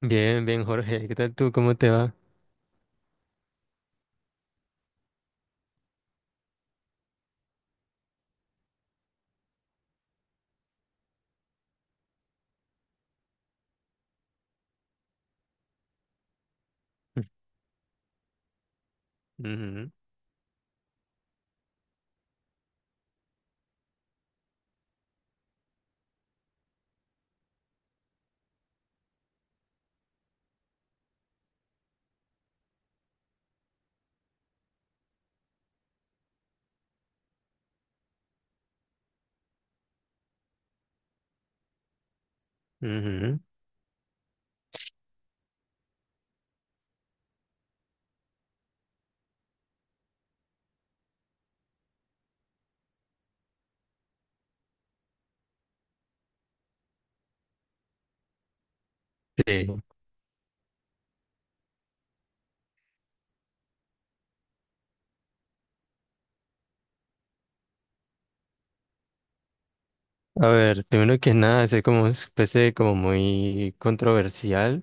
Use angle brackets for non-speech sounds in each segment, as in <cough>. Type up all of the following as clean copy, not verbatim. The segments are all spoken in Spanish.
Bien, bien, Jorge. ¿Qué tal tú? ¿Cómo te va? Ujú, ujú. Sí. A ver, primero que nada, es como especie como muy controversial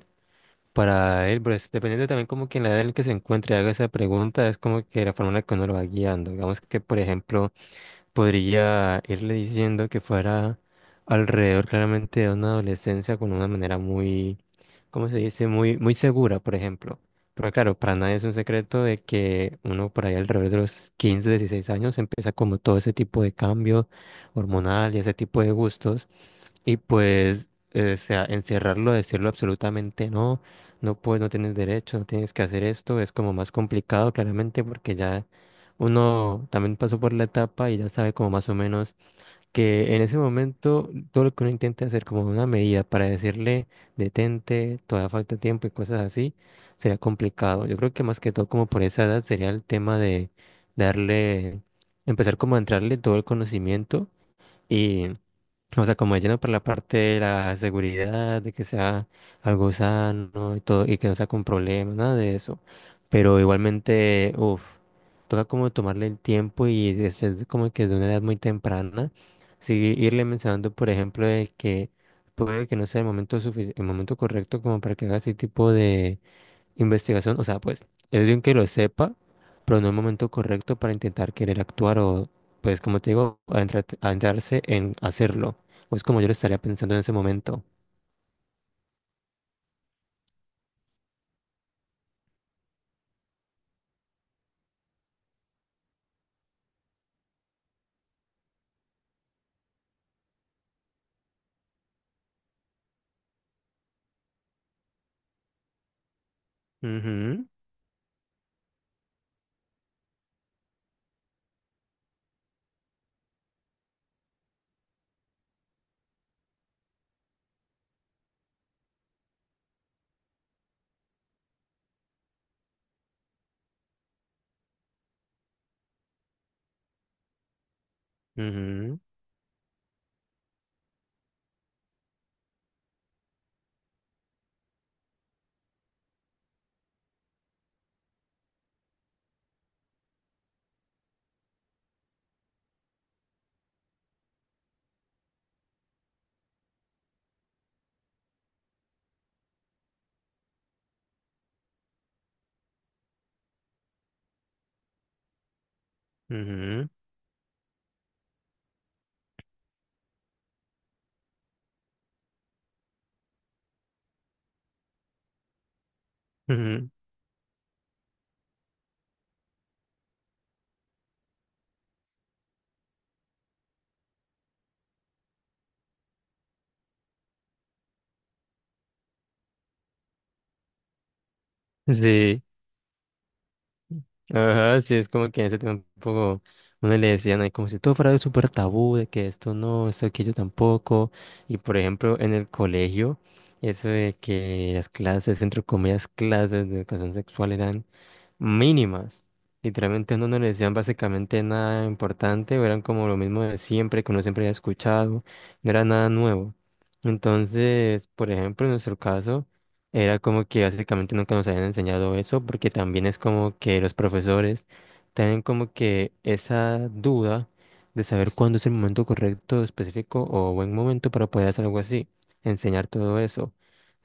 para él, pero es dependiendo también como que en la edad en que se encuentre y haga esa pregunta, es como que la forma en la que uno lo va guiando. Digamos que, por ejemplo, podría irle diciendo que fuera alrededor claramente de una adolescencia con una manera muy, ¿cómo se dice? Muy, muy segura, por ejemplo. Pero claro, para nadie es un secreto de que uno por ahí alrededor de los 15, 16 años empieza como todo ese tipo de cambio hormonal y ese tipo de gustos. Y pues, o sea, encerrarlo, decirlo absolutamente no, no puedes, no tienes derecho, no tienes que hacer esto, es como más complicado claramente porque ya uno también pasó por la etapa y ya sabe como más o menos que en ese momento todo lo que uno intenta hacer como una medida para decirle detente, todavía falta tiempo y cosas así, sería complicado. Yo creo que más que todo como por esa edad sería el tema de darle, empezar como a entrarle todo el conocimiento. O sea, como lleno por la parte de la seguridad, de que sea algo sano y todo, y que no sea con problemas, nada de eso. Pero igualmente, uff, toca como tomarle el tiempo y es como que de una edad muy temprana, sí, irle mencionando, por ejemplo, de que puede que no sea el momento el momento correcto como para que haga ese tipo de investigación. O sea, pues es bien que lo sepa, pero no el momento correcto para intentar querer actuar o, pues como te digo, adentrarse en hacerlo. Pues como yo lo estaría pensando en ese momento. Ujú, ujú, ujú, ujú. Sí, ajá, sí, es como que en ese tiempo uno le decían ahí como si todo fuera súper tabú, de que esto no, esto aquello tampoco. Y por ejemplo, en el colegio, eso de que las clases, entre comillas, clases de educación sexual eran mínimas. Literalmente no nos decían básicamente nada importante, o eran como lo mismo de siempre, que uno siempre había escuchado, no era nada nuevo. Entonces, por ejemplo, en nuestro caso, era como que básicamente nunca nos habían enseñado eso, porque también es como que los profesores tienen como que esa duda de saber cuándo es el momento correcto, específico o buen momento para poder hacer algo así, enseñar todo eso.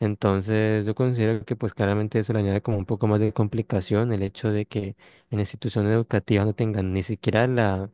Entonces, yo considero que pues claramente eso le añade como un poco más de complicación el hecho de que en la institución educativa no tengan ni siquiera la,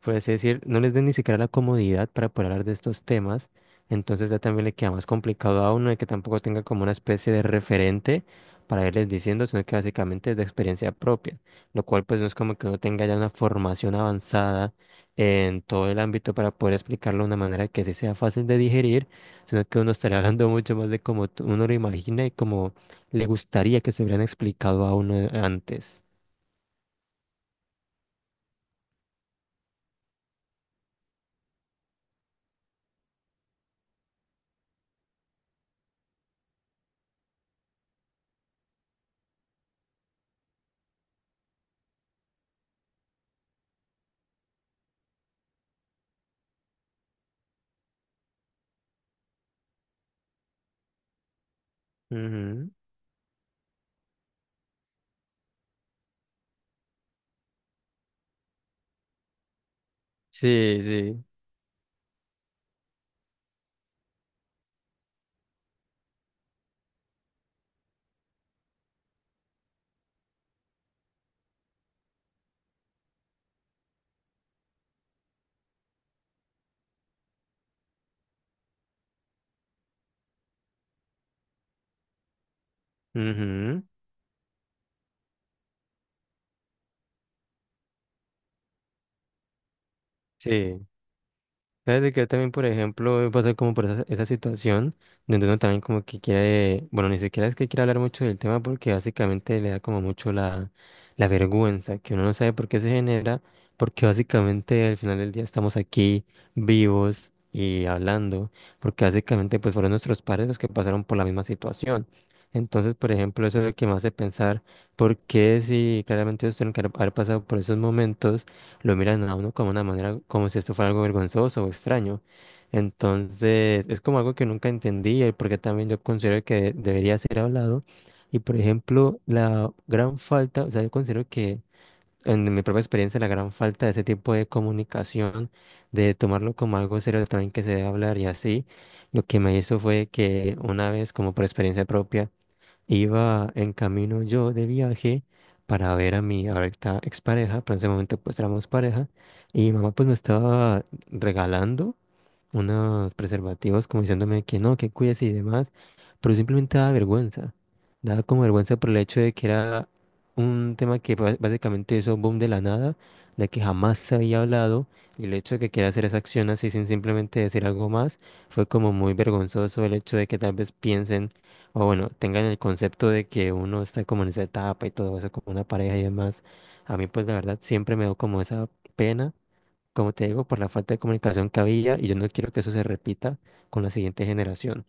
por así decir, no les den ni siquiera la comodidad para poder hablar de estos temas, entonces ya también le queda más complicado a uno de que tampoco tenga como una especie de referente para irles diciendo, sino que básicamente es de experiencia propia, lo cual pues no es como que uno tenga ya una formación avanzada en todo el ámbito para poder explicarlo de una manera que sí sea fácil de digerir, sino que uno estaría hablando mucho más de cómo uno lo imagina y cómo le gustaría que se hubieran explicado a uno antes. Ujú. Sí, sí. Ujú. Sí. ¿Sabes de que también, por ejemplo, he pasado como por esa, esa situación donde uno también como que quiere, bueno, ni siquiera es que quiera hablar mucho del tema porque básicamente le da como mucho la, la vergüenza, que uno no sabe por qué se genera, porque básicamente al final del día estamos aquí vivos y hablando, porque básicamente pues fueron nuestros padres los que pasaron por la misma situación. Entonces, por ejemplo, eso es lo que me hace pensar por qué si claramente ellos tienen que haber pasado por esos momentos lo miran a uno como una manera, como si esto fuera algo vergonzoso o extraño. Entonces, es como algo que nunca entendí y porque también yo considero que debería ser hablado. Y por ejemplo, la gran falta, o sea, yo considero que en mi propia experiencia, la gran falta de ese tipo de comunicación, de tomarlo como algo serio también que se debe hablar y así, lo que me hizo fue que una vez, como por experiencia propia, iba en camino yo de viaje para ver a mi ahorita expareja, pero en ese momento pues éramos pareja y mi mamá pues me estaba regalando unos preservativos como diciéndome que no, que cuides y demás, pero simplemente daba vergüenza. Daba como vergüenza por el hecho de que era un tema que básicamente hizo boom de la nada, de que jamás se había hablado, y el hecho de que quiera hacer esa acción así sin simplemente decir algo más, fue como muy vergonzoso el hecho de que tal vez piensen, o bueno, tengan el concepto de que uno está como en esa etapa y todo eso, como una pareja y demás. A mí pues la verdad siempre me dio como esa pena, como te digo, por la falta de comunicación que había y yo no quiero que eso se repita con la siguiente generación.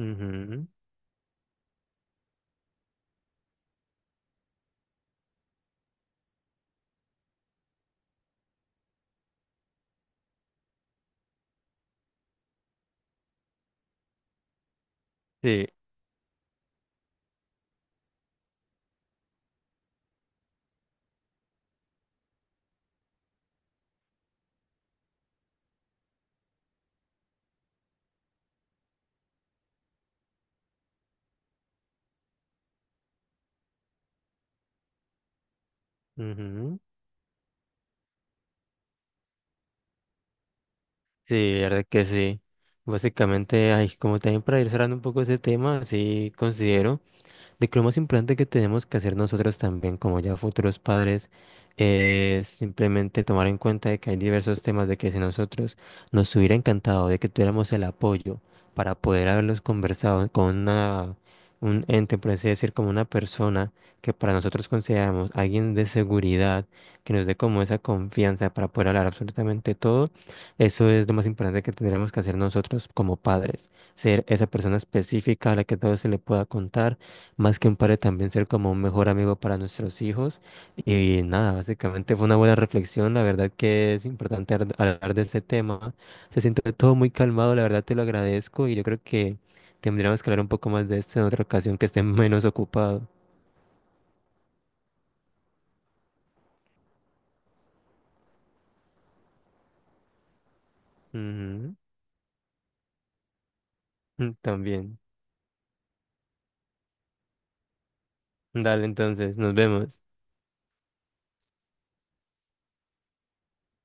Ujú. Sí, ujú. Sí, la verdad que sí. Básicamente, ay, como también para ir cerrando un poco ese tema, sí considero de que lo más importante que tenemos que hacer nosotros también, como ya futuros padres, es simplemente tomar en cuenta de que hay diversos temas de que si nosotros nos hubiera encantado de que tuviéramos el apoyo para poder haberlos conversado con una, un ente, por así decir, como una persona que para nosotros consideramos alguien de seguridad, que nos dé como esa confianza para poder hablar absolutamente todo, eso es lo más importante que tendremos que hacer nosotros como padres, ser esa persona específica a la que todo se le pueda contar, más que un padre, también ser como un mejor amigo para nuestros hijos. Y nada, básicamente fue una buena reflexión. La verdad que es importante hablar de este tema. Se siente todo muy calmado, la verdad te lo agradezco y yo creo que tendríamos que hablar un poco más de esto en otra ocasión que esté <laughs> menos ocupado. Ujú. También. Dale, entonces, nos vemos.